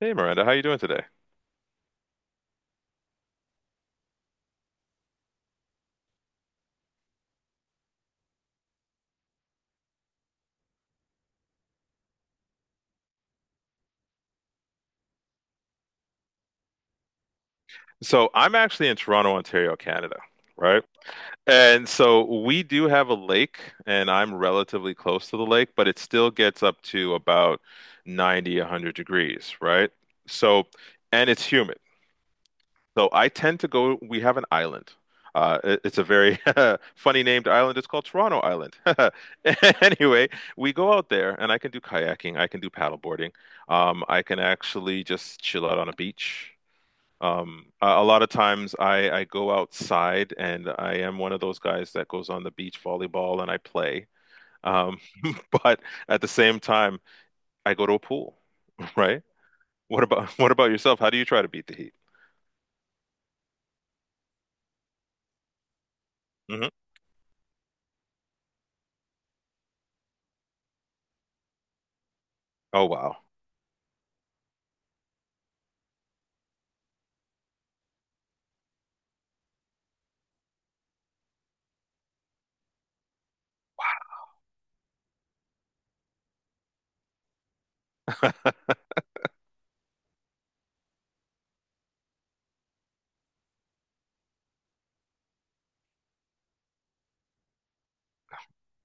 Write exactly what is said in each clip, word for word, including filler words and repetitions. Hey Miranda, how you doing today? So I'm actually in Toronto, Ontario, Canada, right? And so we do have a lake, and I'm relatively close to the lake, but it still gets up to about ninety, a hundred degrees, right? So, and it's humid. So I tend to go, we have an island. Uh, it- it's a very funny named island. It's called Toronto Island. Anyway, we go out there, and I can do kayaking, I can do paddleboarding. Um, I can actually just chill out on a beach. Um, a, a lot of times I, I go outside and I am one of those guys that goes on the beach volleyball and I play. Um, but at the same time, I go to a pool, right? What about what about yourself? How do you try to beat the heat? Hmm. Oh wow.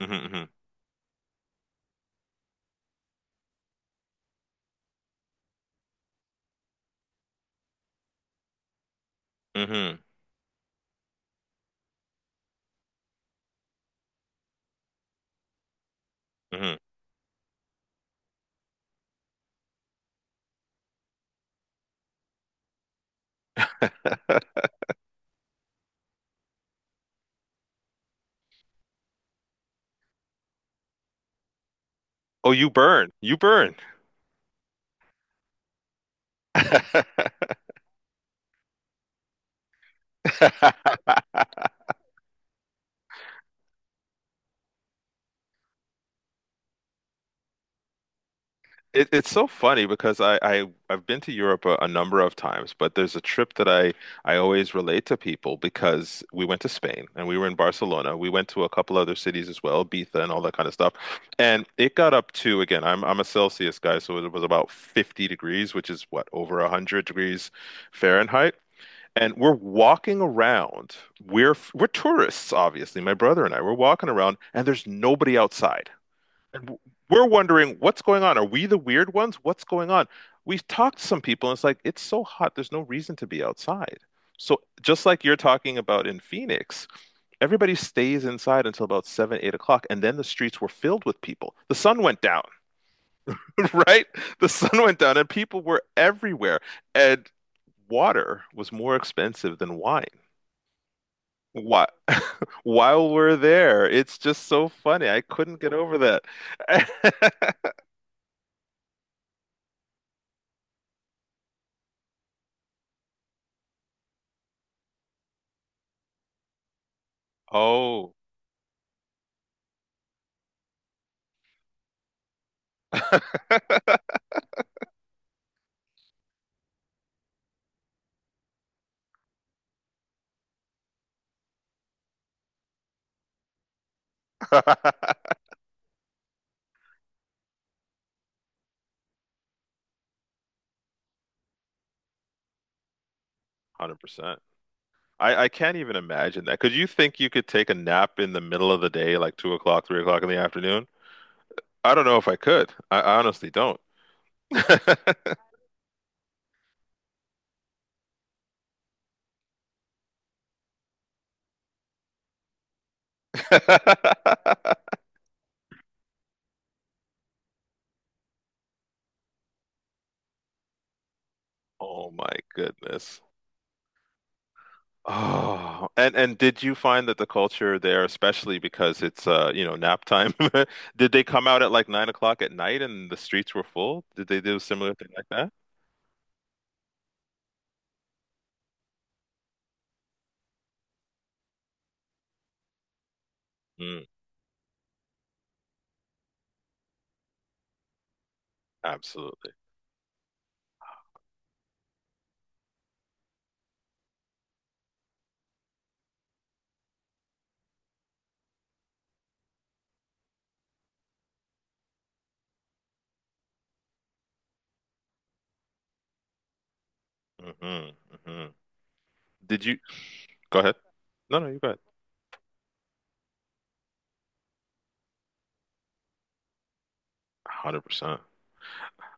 Hmm. Hmm. Hmm. Hmm. Oh, you burn. You burn. It, it's so funny because I, I I've been to Europe a, a number of times, but there's a trip that I I always relate to people because we went to Spain and we were in Barcelona. We went to a couple other cities as well, Ibiza and all that kind of stuff. And it got up to again, I'm I'm a Celsius guy, so it was about fifty degrees, which is what, over one hundred degrees Fahrenheit. And we're walking around. We're we're tourists, obviously. My brother and I, we're walking around and there's nobody outside. And we're wondering what's going on. Are we the weird ones? What's going on? We've talked to some people, and it's like it's so hot. There's no reason to be outside. So just like you're talking about in Phoenix, everybody stays inside until about seven, eight o'clock, and then the streets were filled with people. The sun went down, right? The sun went down, and people were everywhere. And water was more expensive than wine. Why, while we're there, it's just so funny. I couldn't get over that. Oh. Hundred percent. I I can't even imagine that. Could you think you could take a nap in the middle of the day, like two o'clock, three o'clock in the afternoon? I don't know if I could. I, I honestly don't. Oh my goodness. Oh, and and did you find that the culture there, especially because it's uh you know nap time, did they come out at like nine o'clock at night and the streets were full? Did they do a similar thing like that? Mm, absolutely. Hmm. Hmm. Did you Go ahead? No, no, you go ahead. one hundred percent.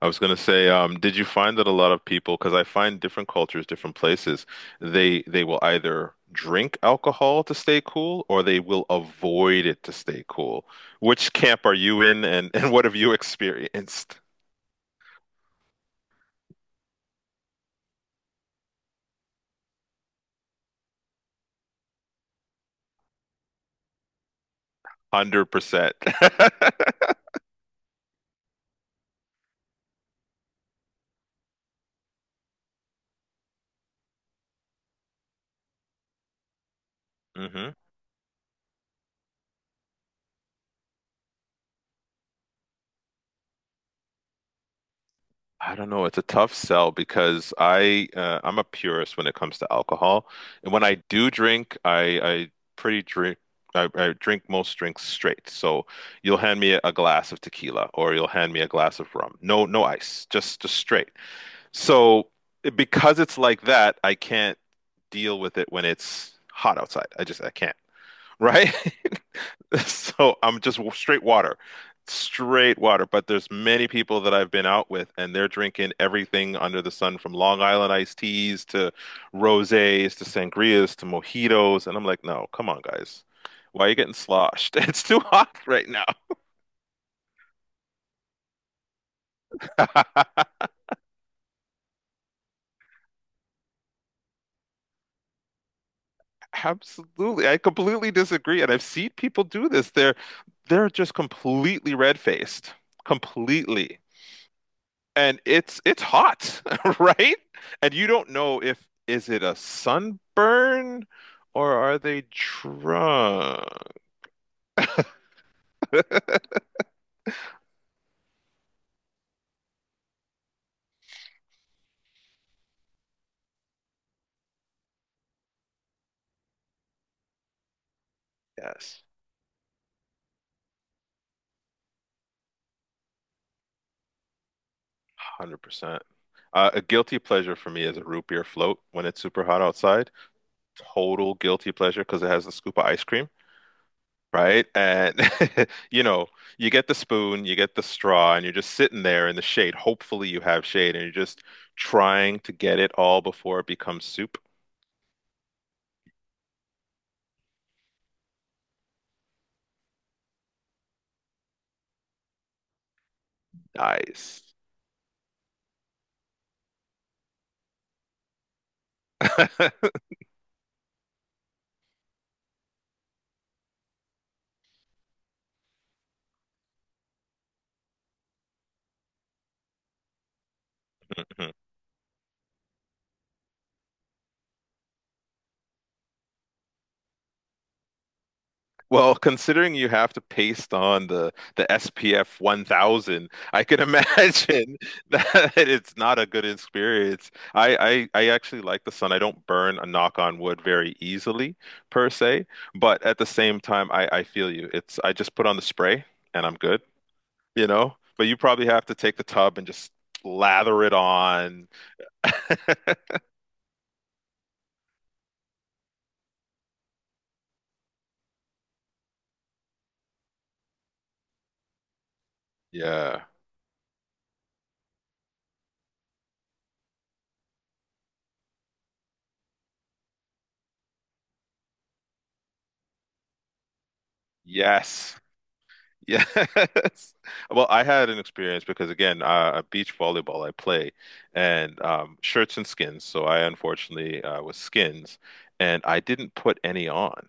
I was going to say, um, did you find that a lot of people, because I find different cultures, different places, they they will either drink alcohol to stay cool or they will avoid it to stay cool. Which camp are you in and, and what have you experienced? one hundred percent. percent I don't know. It's a tough sell because I uh, I'm a purist when it comes to alcohol, and when I do drink, I I pretty drink I, I drink most drinks straight. So you'll hand me a glass of tequila or you'll hand me a glass of rum. No no ice, just just straight. So because it's like that, I can't deal with it when it's hot outside. I just I can't. Right? So I'm just w- straight water, straight water. But there's many people that I've been out with, and they're drinking everything under the sun, from Long Island iced teas to rosés to sangrias to mojitos, and I'm like, no, come on, guys, why are you getting sloshed? It's too hot right now. Absolutely, I completely disagree, and I've seen people do this. They're they're just completely red-faced, completely. And it's it's hot, right? And you don't know if is it a sunburn or are they drunk? Yes, one hundred percent. Uh, a guilty pleasure for me is a root beer float when it's super hot outside. Total guilty pleasure because it has the scoop of ice cream, right? And you know, you get the spoon, you get the straw, and you're just sitting there in the shade. Hopefully you have shade and you're just trying to get it all before it becomes soup. Nice. Well, considering you have to paste on the the S P F one thousand, I can imagine that it's not a good experience. I, I I actually like the sun. I don't burn a knock on wood very easily per se, but at the same time, I I feel you. It's I just put on the spray and I'm good, you know? But you probably have to take the tub and just lather it on. Yeah. Yes. Yes. Well, I had an experience because again, uh, beach volleyball I play and um, shirts and skins. So I unfortunately uh, was skins and I didn't put any on.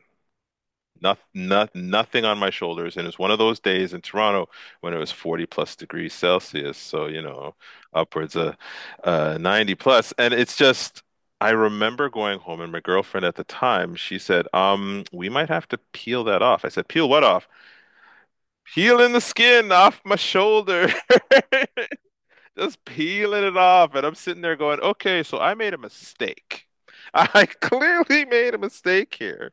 Not, not, nothing on my shoulders. And it was one of those days in Toronto when it was forty plus degrees Celsius. So, you know, upwards of uh, ninety plus. And it's just, I remember going home and my girlfriend at the time, she said, um, we might have to peel that off. I said, peel what, peeling the skin off my shoulder, just peeling it off. And I'm sitting there going, okay, so I made a mistake. I clearly made a mistake here.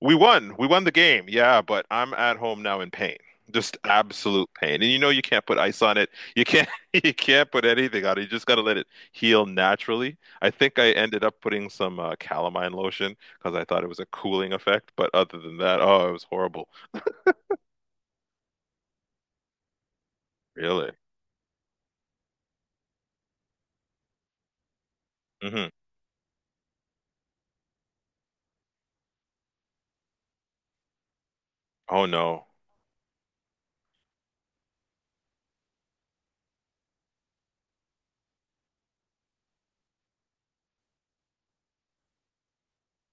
We won. We won the game. Yeah, but I'm at home now in pain. Just absolute pain. And you know you can't put ice on it. You can't you can't put anything on it. You just got to let it heal naturally. I think I ended up putting some uh, calamine lotion because I thought it was a cooling effect, but other than that, oh, it was horrible. Really? Hmm. Oh no.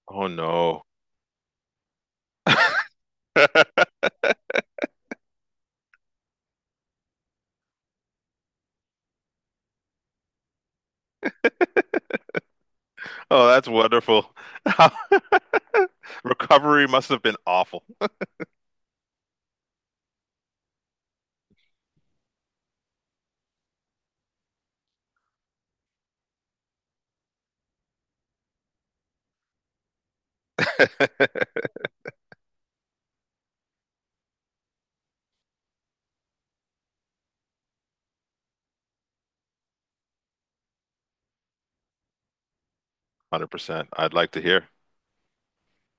Oh no. Oh, that's wonderful. Recovery must have been awful. one hundred percent. I'd like to hear.